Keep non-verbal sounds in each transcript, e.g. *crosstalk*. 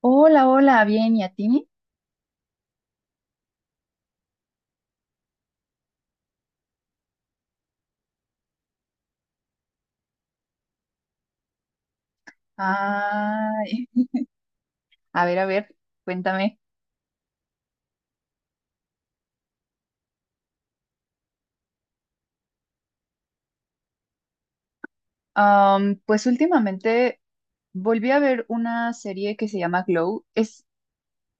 Hola, hola, bien, ¿y a ti? Ay, *laughs* a ver, cuéntame. Pues últimamente volví a ver una serie que se llama Glow. Es,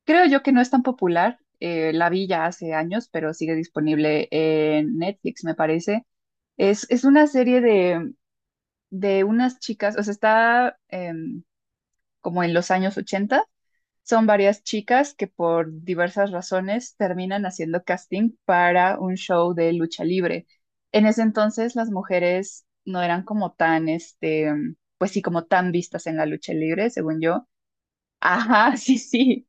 creo yo que no es tan popular, la vi ya hace años, pero sigue disponible en Netflix, me parece. Es una serie de unas chicas, o sea, está como en los años 80. Son varias chicas que por diversas razones terminan haciendo casting para un show de lucha libre. En ese entonces las mujeres no eran como tan, este, pues sí, como tan vistas en la lucha libre, según yo. Ajá, *laughs* sí, sí.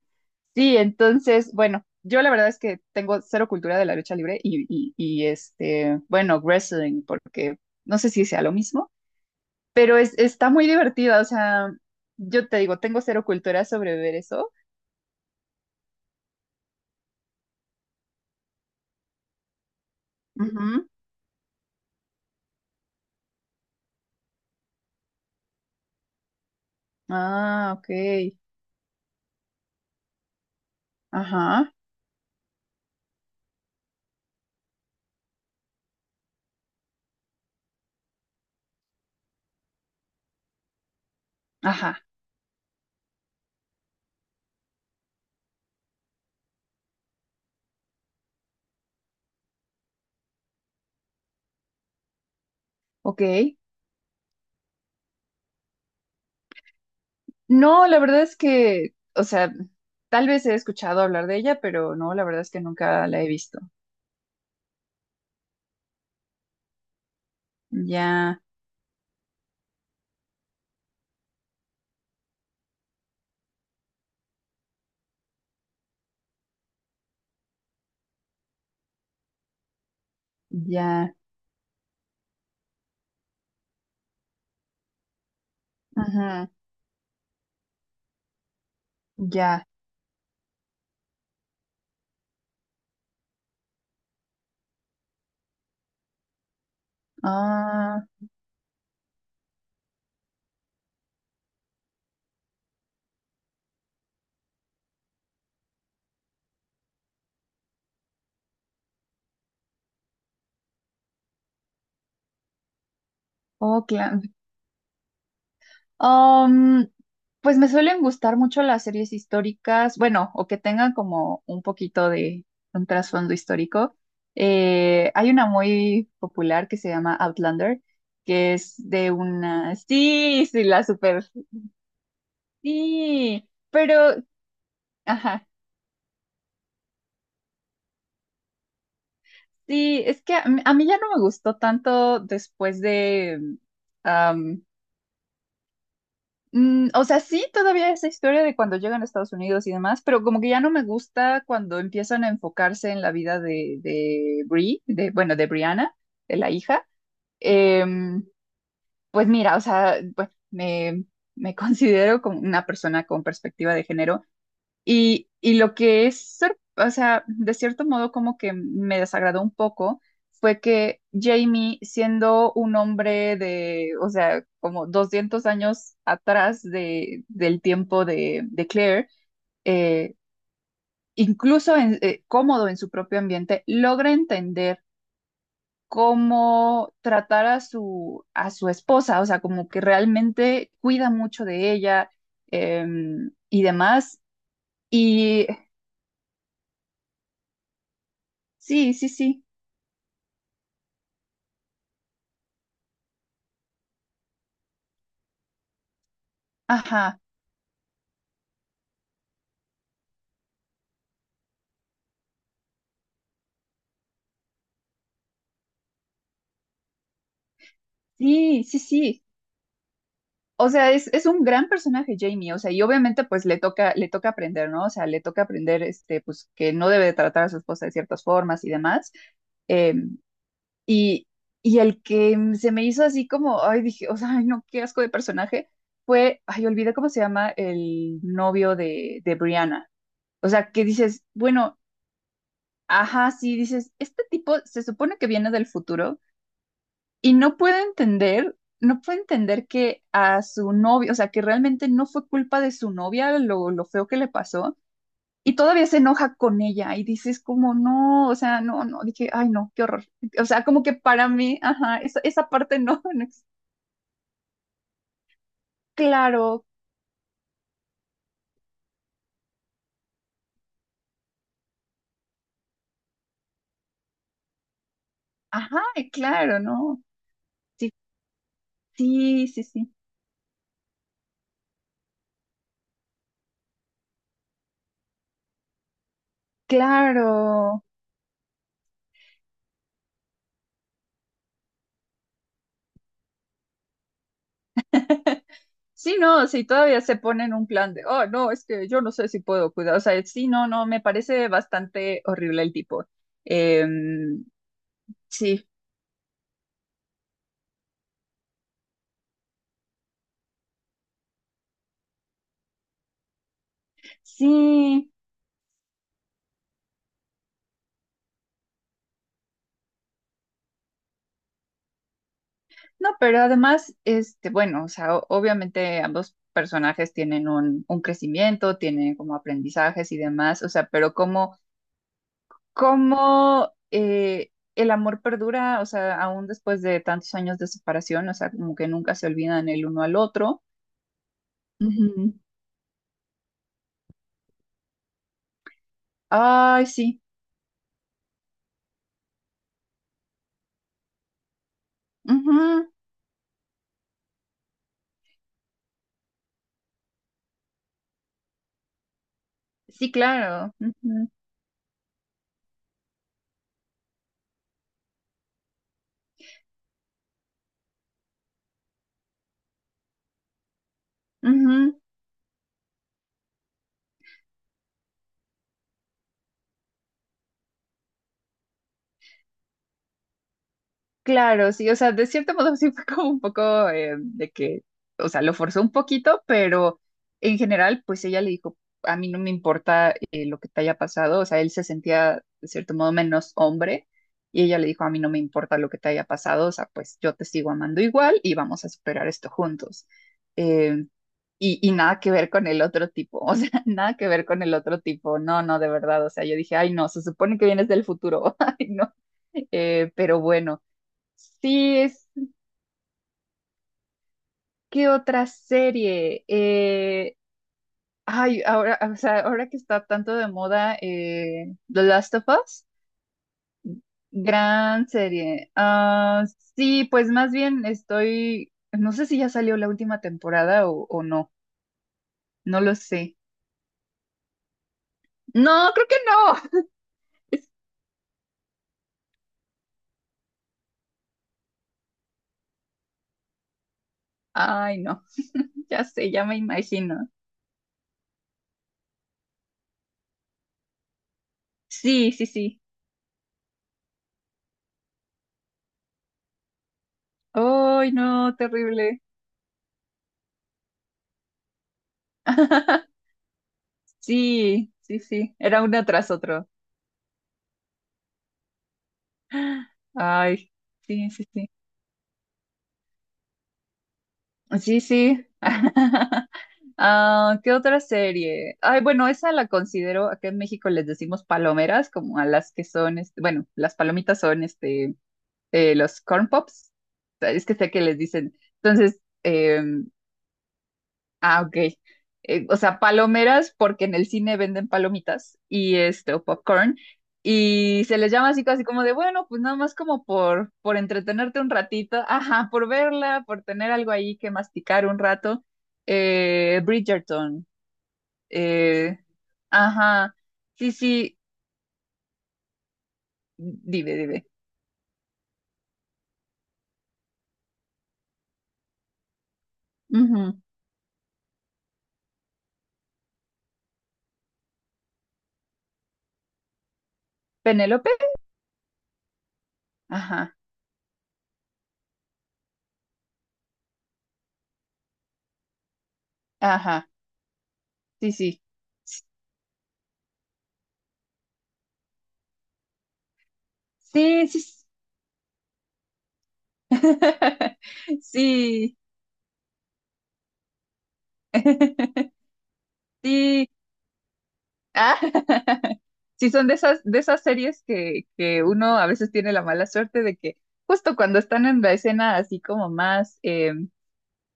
Sí, entonces, bueno, yo la verdad es que tengo cero cultura de la lucha libre y este, bueno, wrestling, porque no sé si sea lo mismo, pero es, está muy divertida, o sea, yo te digo, tengo cero cultura sobre ver eso. Ah, ok. Ajá, ajá, ok. No, la verdad es que, o sea, tal vez he escuchado hablar de ella, pero no, la verdad es que nunca la he visto. Ya, ya, ajá, ya. Ah, oh, claro. Um, pues me suelen gustar mucho las series históricas, bueno, o que tengan como un poquito de un trasfondo histórico. Hay una muy popular que se llama Outlander, que es de una... Sí, sí, la super... Sí, pero... Ajá, sí, es que a mí ya no me gustó tanto después de... Mm, o sea, sí, todavía esa historia de cuando llegan a Estados Unidos y demás, pero como que ya no me gusta cuando empiezan a enfocarse en la vida de Brie, de, bueno, de Brianna, de la hija. Em, pues mira, o sea, bueno, me *laughs* considero como una persona con perspectiva de género y lo que es, o sea, de cierto modo como que me desagradó un poco fue que Jamie, siendo un hombre de, o sea, como 200 años atrás de, del tiempo de Claire, eh, cómodo en su propio ambiente, logra entender cómo tratar a su esposa, o sea, como que realmente cuida mucho de ella y demás. Y sí, sí, sí. Ajá, sí, sí, sí. O sea, es un gran personaje Jamie, o sea, y obviamente pues le toca aprender, ¿no? O sea, le toca aprender, este, pues que no debe de tratar a su esposa de ciertas formas y demás. Eh, y, y el que se me hizo así como, ay, dije, o sea, ay, no, qué asco de personaje, fue, ay, olvidé cómo se llama el novio de Brianna. O sea, que dices, bueno, ajá, sí, dices, este tipo se supone que viene del futuro. Y no puede entender que a su novio, o sea, que realmente no fue culpa de su novia lo feo que le pasó. Y todavía se enoja con ella y dices como, no, o sea, no, no, dije, ay, no, qué horror. O sea, como que para mí, ajá, esa parte no, *laughs* no es claro, ajá, claro, no. Sí, sí, sí, sí, claro. Sí, no, si todavía se ponen un plan de, oh, no, es que yo no sé si puedo cuidar. O sea, sí, no, no, me parece bastante horrible el tipo. Em, sí, sí, no, pero además, este, bueno, o sea, obviamente ambos personajes tienen un crecimiento, tienen como aprendizajes y demás, o sea, pero como, como el amor perdura, o sea, aún después de tantos años de separación, o sea, como que nunca se olvidan el uno al otro. Ujú. Ay, sí. Ujú. Sí, claro. Ujú, ujú. Claro, sí, o sea, de cierto modo *laughs* sí fue como un poco o sea, lo forzó un poquito, pero en general, pues ella le dijo, a mí no me importa lo que te haya pasado, o sea, él se sentía de cierto modo menos hombre, y ella le dijo, a mí no me importa lo que te haya pasado, o sea, pues yo te sigo amando igual y vamos a superar esto juntos. em, y nada que ver con el otro tipo, o sea, *laughs* nada que ver con el otro tipo, no, no, de verdad, o sea, yo dije, ay, no, se supone que vienes del futuro, *laughs* ay, no. Pero bueno, sí, es, ¿qué otra serie? Ay, ahora, o sea, ahora que está tanto de moda The Last of Us, gran serie. Ah, sí, pues más bien estoy, no sé si ya salió la última temporada o no, no lo sé. No, creo que no. Ay, no. Ya sé, ya me imagino. Sí, sí, sí. ¡Ay, no! Terrible. *laughs* Sí, sí, sí. Era uno tras otro. Ay, sí, sí, sí. Sí, sí. *laughs* Ah, ¿qué otra serie? Ay, bueno, esa la considero, acá en México les decimos palomeras, como a las que son, este, bueno, las palomitas son este, los corn pops. O sea, es que sé que les dicen. Entonces, Ah, ok. O sea, palomeras porque en el cine venden palomitas y este, o popcorn. Y se les llama así casi como de, bueno, pues nada más como por entretenerte un ratito, ajá, por verla, por tener algo ahí que masticar un rato. Bridgerton. Eh, ajá. Sí, sí. Dime, dime. Ujú. Penélope. Ajá, ajá. Sí, sí. Sí, sí. Sí. *laughs* Sí. *laughs* Sí. Ah, *laughs* sí, son de esas series que uno a veces tiene la mala suerte de que justo cuando están en la escena así como más,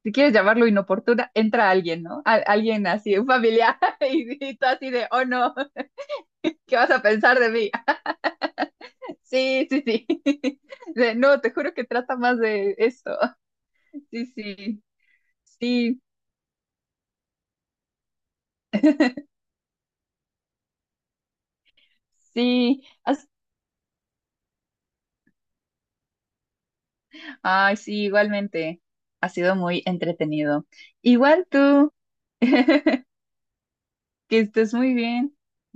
si quieres llamarlo inoportuna, entra alguien, ¿no? Alguien así, un familiar, *laughs* y tú así de, oh no, ¿qué vas a pensar de mí? *laughs* Sí, sí, sí. *laughs* De, no, te juro que trata más de esto. *laughs* Sí, sí, sí, sí. Ay, sí, igualmente. Ha sido muy entretenido. Igual tú. *laughs* Que estés muy bien.